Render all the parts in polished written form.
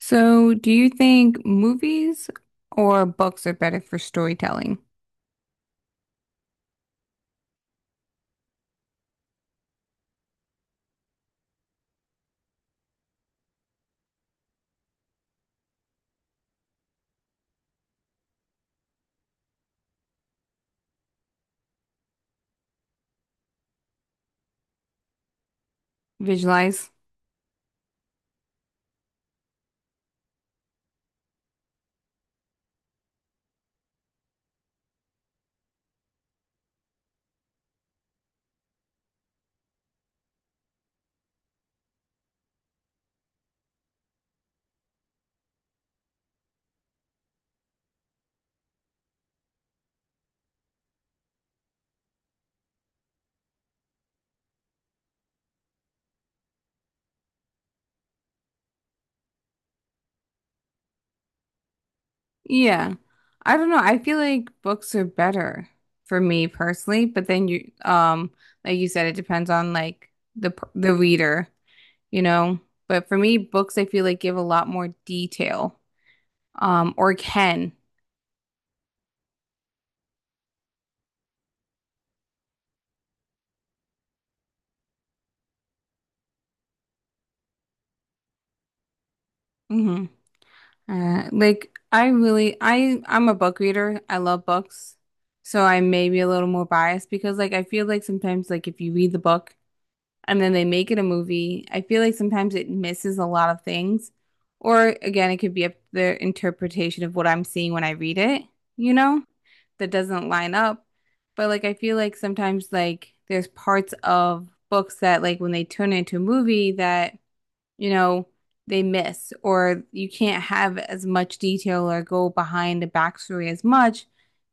So, do you think movies or books are better for storytelling? Visualize? Yeah. I don't know. I feel like books are better for me personally, but then you like you said it depends on like the reader, you know? But for me, books I feel like give a lot more detail or can. Mm-hmm. Like I'm a book reader. I love books. So I may be a little more biased because like I feel like sometimes like if you read the book and then they make it a movie, I feel like sometimes it misses a lot of things. Or again, it could be up to their interpretation of what I'm seeing when I read it, you know, that doesn't line up. But like I feel like sometimes like there's parts of books that like when they turn into a movie that you know, they miss, or you can't have as much detail or go behind the backstory as much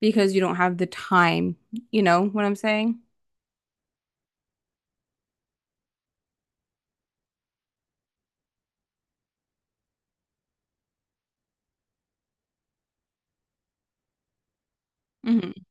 because you don't have the time. You know what I'm saying? Hmm.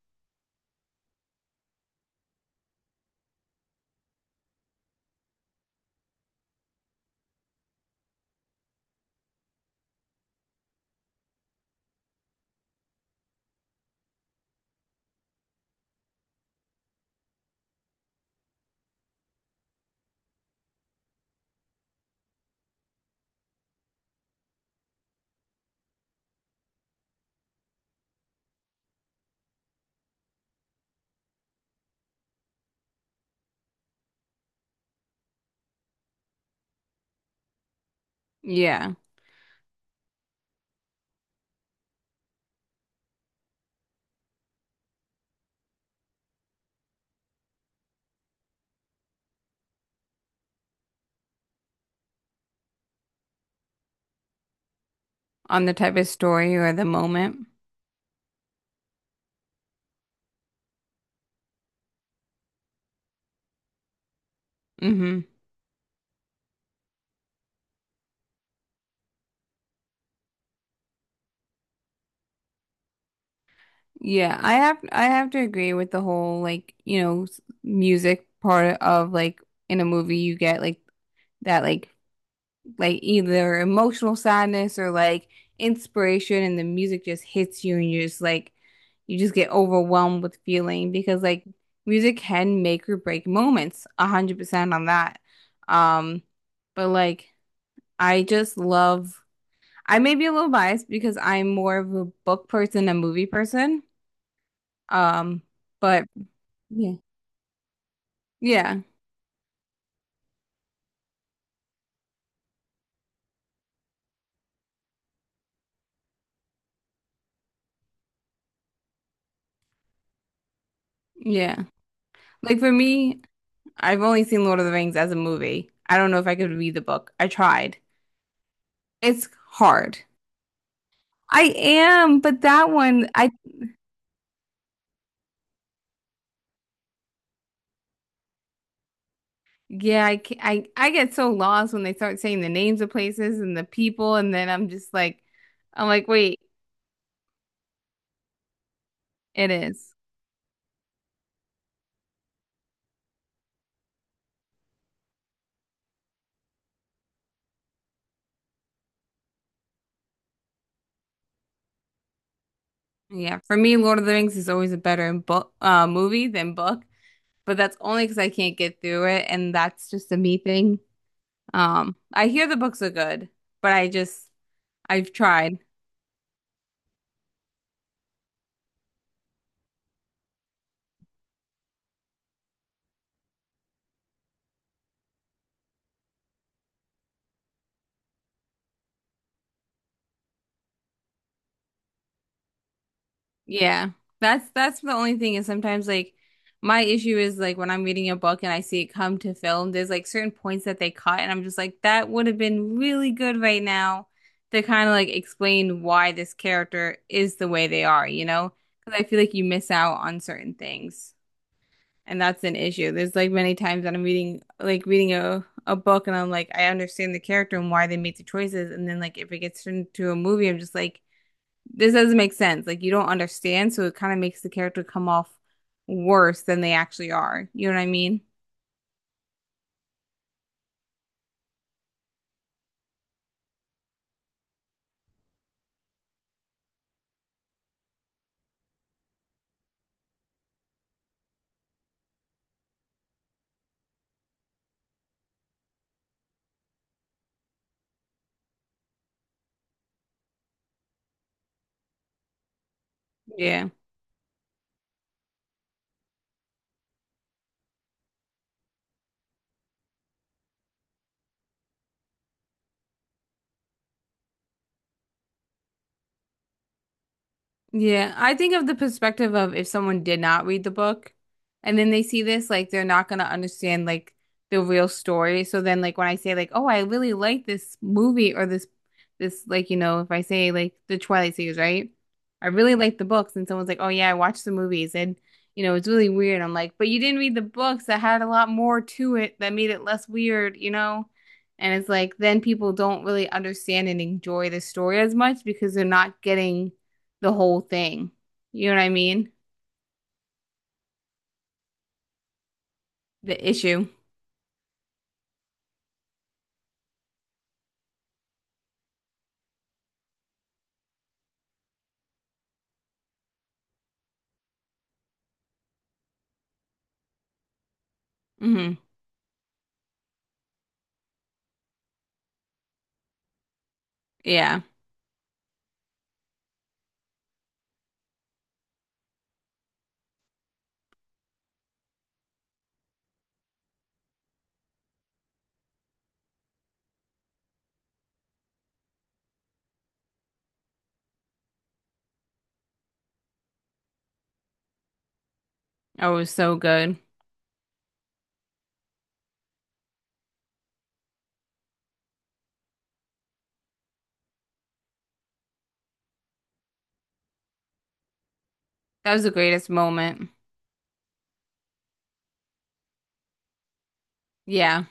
Yeah, on the type of story or the moment. Hmm. Yeah, I have to agree with the whole like, you know, music part of like in a movie you get like that like either emotional sadness or like inspiration and the music just hits you and you're just like you just get overwhelmed with feeling because like music can make or break moments 100% on that um but like I just love I may be a little biased because I'm more of a book person than a movie person um but yeah yeah yeah like for me I've only seen Lord of the Rings as a movie. I don't know if I could read the book, I tried. It's hard. I am, but that one, I yeah, I I get so lost when they start saying the names of places and the people, and then I'm just like, I'm like, wait, it is. Yeah, for me, Lord of the Rings is always a better book movie than book, but that's only because I can't get through it, and that's just a me thing. I hear the books are good, but I just I've tried. Yeah. That's the only thing is sometimes like my issue is like when I'm reading a book and I see it come to film, there's like certain points that they cut and I'm just like, that would have been really good right now to kind of like explain why this character is the way they are, you know? Because I feel like you miss out on certain things. And that's an issue. There's like many times that I'm reading a book and I'm like, I understand the character and why they made the choices. And then like if it gets turned into a movie, I'm just like this doesn't make sense. Like you don't understand, so it kind of makes the character come off worse than they actually are. You know what I mean? Yeah. Yeah, I think of the perspective of if someone did not read the book and then they see this, like they're not gonna understand like the real story. So then like when I say like, oh, I really like this movie or this like, you know, if I say like the Twilight series, right? I really like the books and someone's like, oh yeah, I watched the movies and you know, it's really weird. I'm like, but you didn't read the books that had a lot more to it that made it less weird, you know? And it's like then people don't really understand and enjoy the story as much because they're not getting the whole thing. You know what I mean? The issue. Hmm. Yeah. Oh, it was so good. That was the greatest moment. Yeah.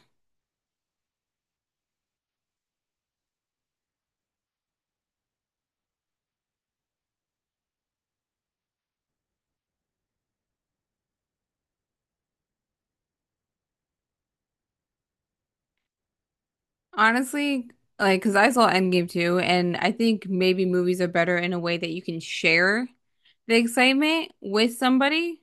Honestly, like, because I saw Endgame too, and I think maybe movies are better in a way that you can share the excitement with somebody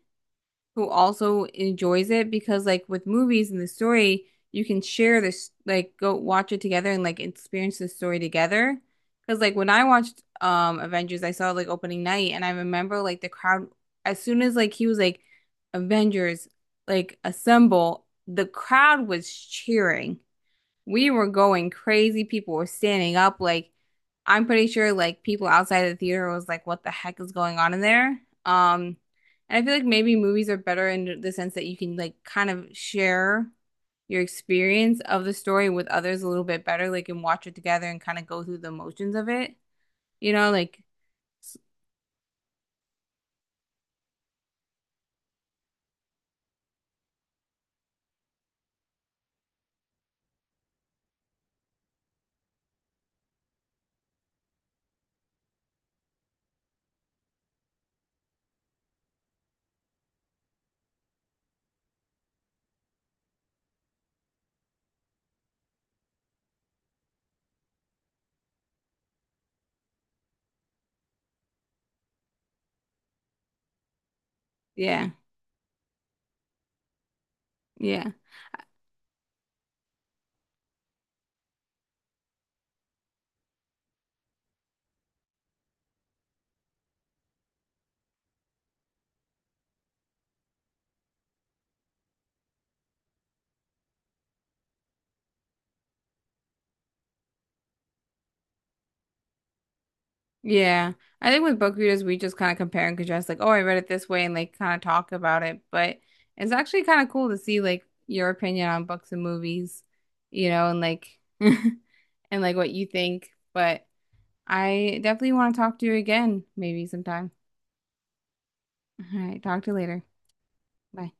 who also enjoys it because like with movies and the story, you can share this like go watch it together and like experience the story together. Because like when I watched Avengers, I saw it, like opening night and I remember like the crowd as soon as like he was like Avengers like assemble, the crowd was cheering. We were going crazy. People were standing up like I'm pretty sure like people outside the theater was like, what the heck is going on in there? And I feel like maybe movies are better in the sense that you can like kind of share your experience of the story with others a little bit better, like and watch it together and kind of go through the motions of it. You know, like s- yeah, yeah. Yeah. I think with book readers, we just kind of compare and contrast, like, oh, I read it this way, and like kind of talk about it. But it's actually kind of cool to see like your opinion on books and movies, you know, and like and like what you think. But I definitely want to talk to you again, maybe sometime. All right, talk to you later. Bye.